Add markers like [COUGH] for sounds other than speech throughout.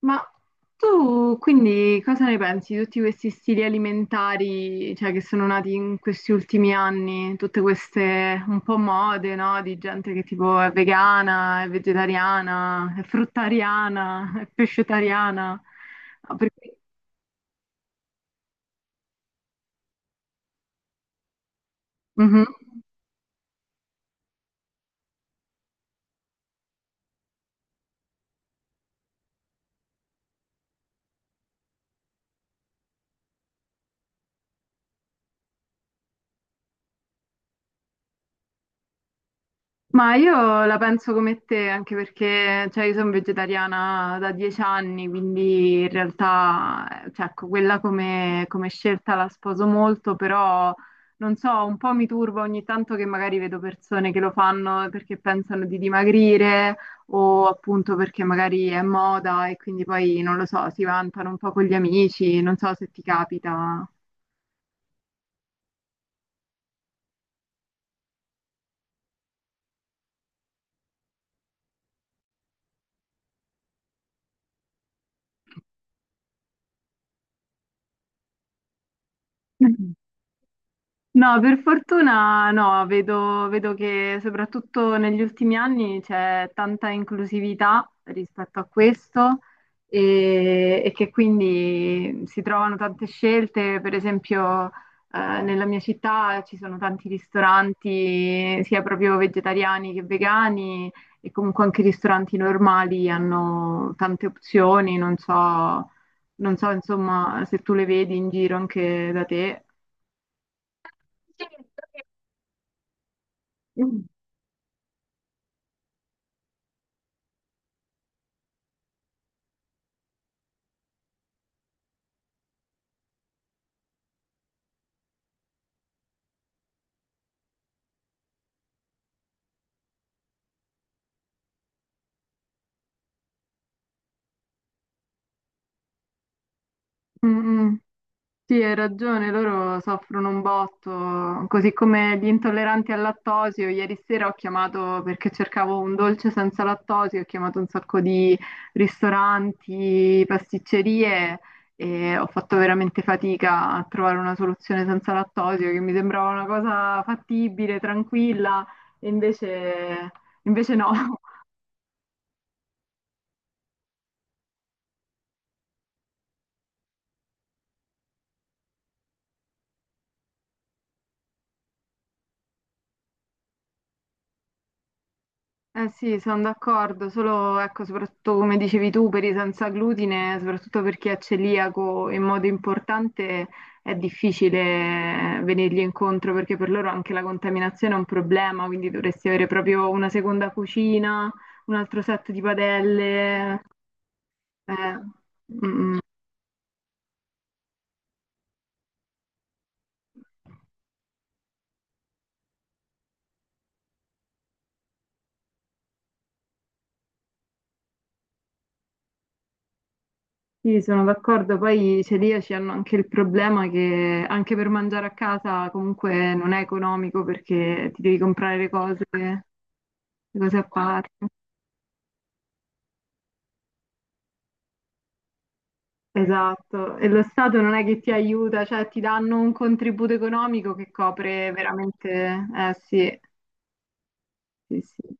Ma tu quindi cosa ne pensi di tutti questi stili alimentari, cioè, che sono nati in questi ultimi anni, tutte queste un po' mode, no? Di gente che tipo è vegana, è vegetariana, è fruttariana, è pescetariana. Ah, perché- Mhm. Ma io la penso come te, anche perché cioè, io sono vegetariana da 10 anni, quindi in realtà cioè, ecco, quella come, come scelta la sposo molto, però non so, un po' mi turba ogni tanto che magari vedo persone che lo fanno perché pensano di dimagrire o appunto perché magari è moda e quindi poi non lo so, si vantano un po' con gli amici, non so se ti capita. [LAUGHS] No, per fortuna no, vedo che soprattutto negli ultimi anni c'è tanta inclusività rispetto a questo e che quindi si trovano tante scelte, per esempio nella mia città ci sono tanti ristoranti sia proprio vegetariani che vegani e comunque anche i ristoranti normali hanno tante opzioni, non so, non so insomma se tu le vedi in giro anche da te. Mm, mm. Mm. Sì, hai ragione, loro soffrono un botto, così come gli intolleranti al lattosio. Ieri sera ho chiamato perché cercavo un dolce senza lattosio, ho chiamato un sacco di ristoranti, pasticcerie e ho fatto veramente fatica a trovare una soluzione senza lattosio, che mi sembrava una cosa fattibile, tranquilla, e invece, invece no. [LAUGHS] Eh sì, sono d'accordo, solo ecco, soprattutto come dicevi tu, per i senza glutine, soprattutto per chi è celiaco in modo importante, è difficile venirgli incontro perché per loro anche la contaminazione è un problema, quindi dovresti avere proprio una seconda cucina, un altro set di padelle. eh, mm, mm. Sì, sono d'accordo, poi i celiaci hanno anche il problema che anche per mangiare a casa comunque non è economico perché ti devi comprare le cose. Cose a parte. Esatto, e lo Stato non è che ti aiuta, cioè ti danno un contributo economico che copre veramente, eh sì, sì, sì.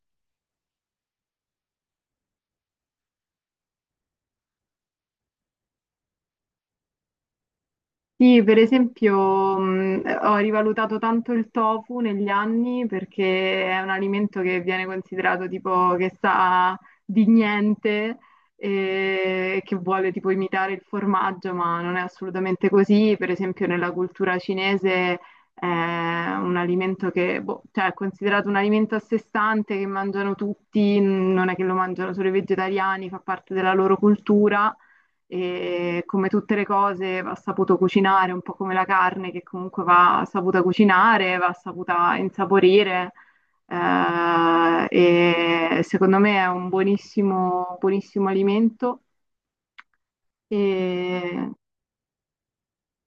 Sì, per esempio, ho rivalutato tanto il tofu negli anni perché è un alimento che viene considerato tipo che sa di niente e che vuole tipo imitare il formaggio, ma non è assolutamente così. Per esempio, nella cultura cinese è un alimento che, boh, cioè, è considerato un alimento a sé stante che mangiano tutti, non è che lo mangiano solo i vegetariani, fa parte della loro cultura e come tutte le cose va saputo cucinare, un po' come la carne che comunque va saputa cucinare, va saputa insaporire. eh, e secondo me è un buonissimo, buonissimo alimento. E...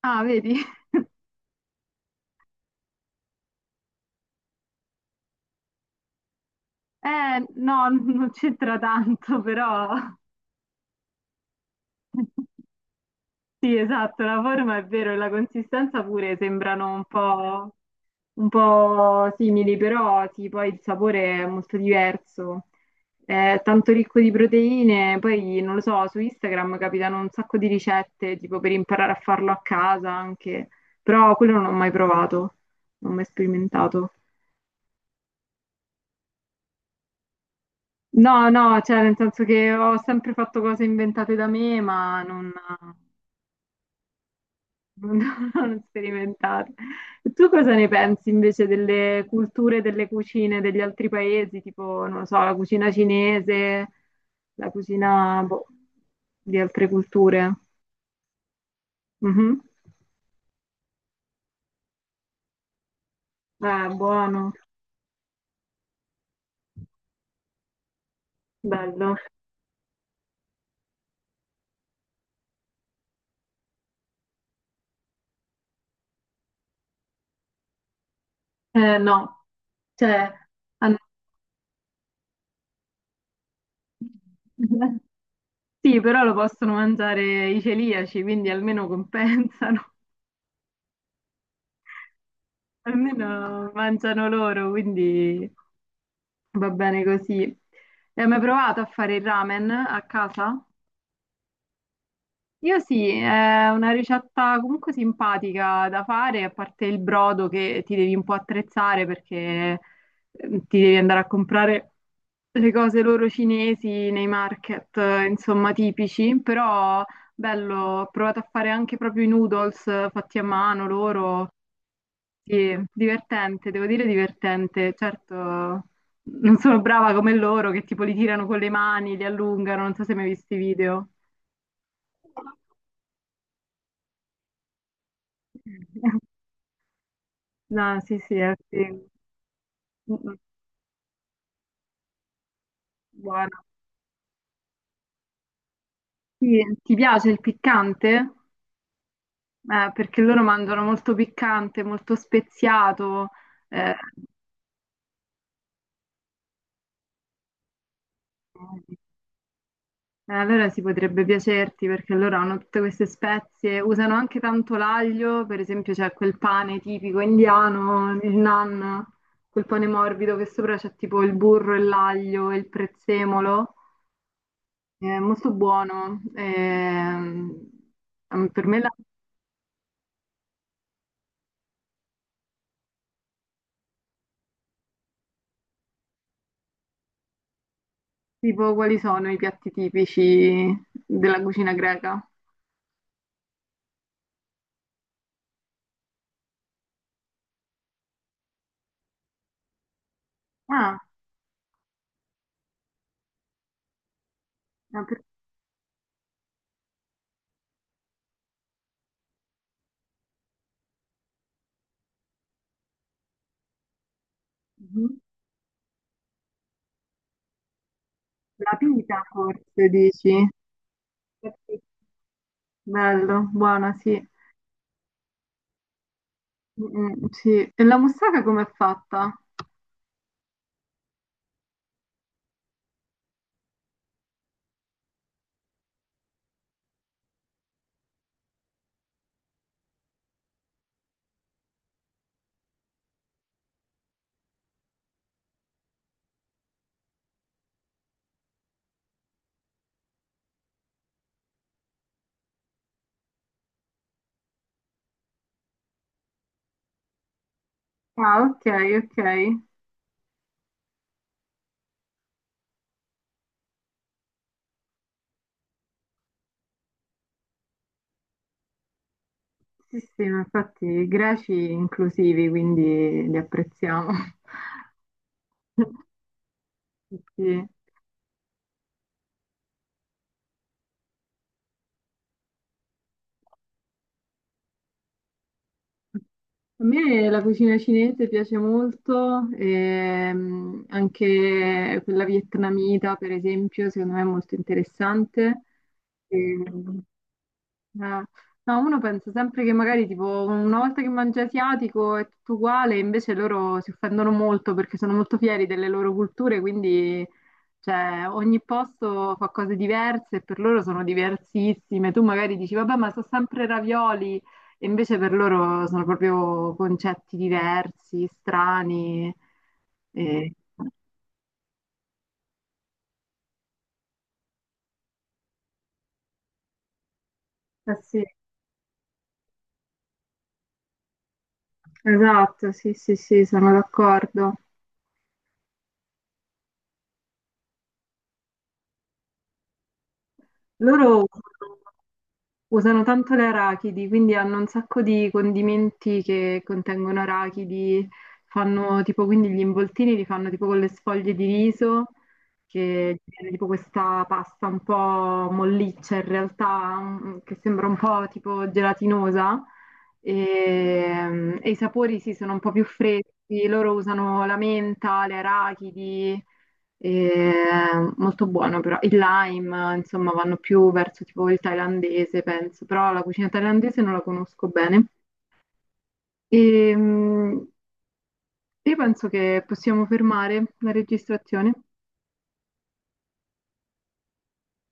Ah, vedi? [LAUGHS] No, non c'entra tanto, però [LAUGHS] sì, esatto, la forma è vero e la consistenza pure sembrano un po'. Un po' simili, però sì, poi il sapore è molto diverso. È tanto ricco di proteine, poi non lo so, su Instagram capitano un sacco di ricette, tipo per imparare a farlo a casa anche, però quello non ho mai provato, non ho mai sperimentato. No, no, cioè nel senso che ho sempre fatto cose inventate da me, ma non... Non, [LAUGHS] non sperimentate. E tu cosa ne pensi invece delle culture, delle cucine degli altri paesi, tipo, non lo so, la cucina cinese, la cucina, boh, di altre culture? Mhm. Buono, bello. No, cioè, hanno- [LAUGHS] sì, però lo possono mangiare i celiaci, quindi almeno compensano, [LAUGHS] almeno mangiano loro, quindi... Va bene così. Hai mai provato a fare il ramen a casa? Io sì, è una ricetta comunque simpatica da fare, a parte il brodo che ti devi un po' attrezzare perché ti devi andare a comprare le cose loro cinesi nei market, insomma, tipici, però bello, ho provato a fare anche proprio i noodles fatti a mano loro, sì, divertente, devo dire divertente. Certo, non sono brava come loro che tipo li tirano con le mani, li allungano, non so se mi hai mai visto i video. [LAUGHS] No, sì, sì, è sì. Mm, buono. Sì, ti piace il piccante? Perché loro mangiano molto piccante, molto speziato. eh, Allora si potrebbe piacerti perché loro hanno tutte queste spezie, usano anche tanto l'aglio, per esempio c'è quel pane tipico indiano, il naan, quel pane morbido che sopra c'è tipo il burro e l'aglio e il prezzemolo, è molto buono. Per me la- tipo quali sono i piatti tipici della cucina greca? Ah, ma per- mhm. La pita forse dici? Bello, buona, sì. Mm, sì, e la moussaka com'è fatta? Ah, ok, ok. Sì, sì, ma infatti i greci inclusivi, quindi li apprezziamo. [LAUGHS] Sì. A me la cucina cinese piace molto, anche quella vietnamita, per esempio, secondo me è molto interessante. Ehm, Eh, no, uno pensa sempre che magari tipo una volta che mangia asiatico è tutto uguale, invece loro si offendono molto perché sono molto fieri delle loro culture, quindi cioè, ogni posto fa cose diverse e per loro sono diversissime. Tu magari dici, vabbè, ma sono sempre ravioli, e invece per loro sono proprio concetti diversi, strani. E... Eh sì, esatto, sì, sì, sì, sono d'accordo. Loro usano tanto le arachidi, quindi hanno un sacco di condimenti che contengono arachidi, fanno tipo quindi gli involtini li fanno tipo con le sfoglie di riso, che viene tipo questa pasta un po' molliccia in realtà, mm, che sembra un po' tipo gelatinosa e, mm, e i sapori sì sono un po' più freschi, loro usano la menta, le arachidi. E, molto buono però. Il lime, insomma, vanno più verso tipo il thailandese, penso, però la cucina thailandese non la conosco bene. E, mm, io penso che possiamo fermare la registrazione.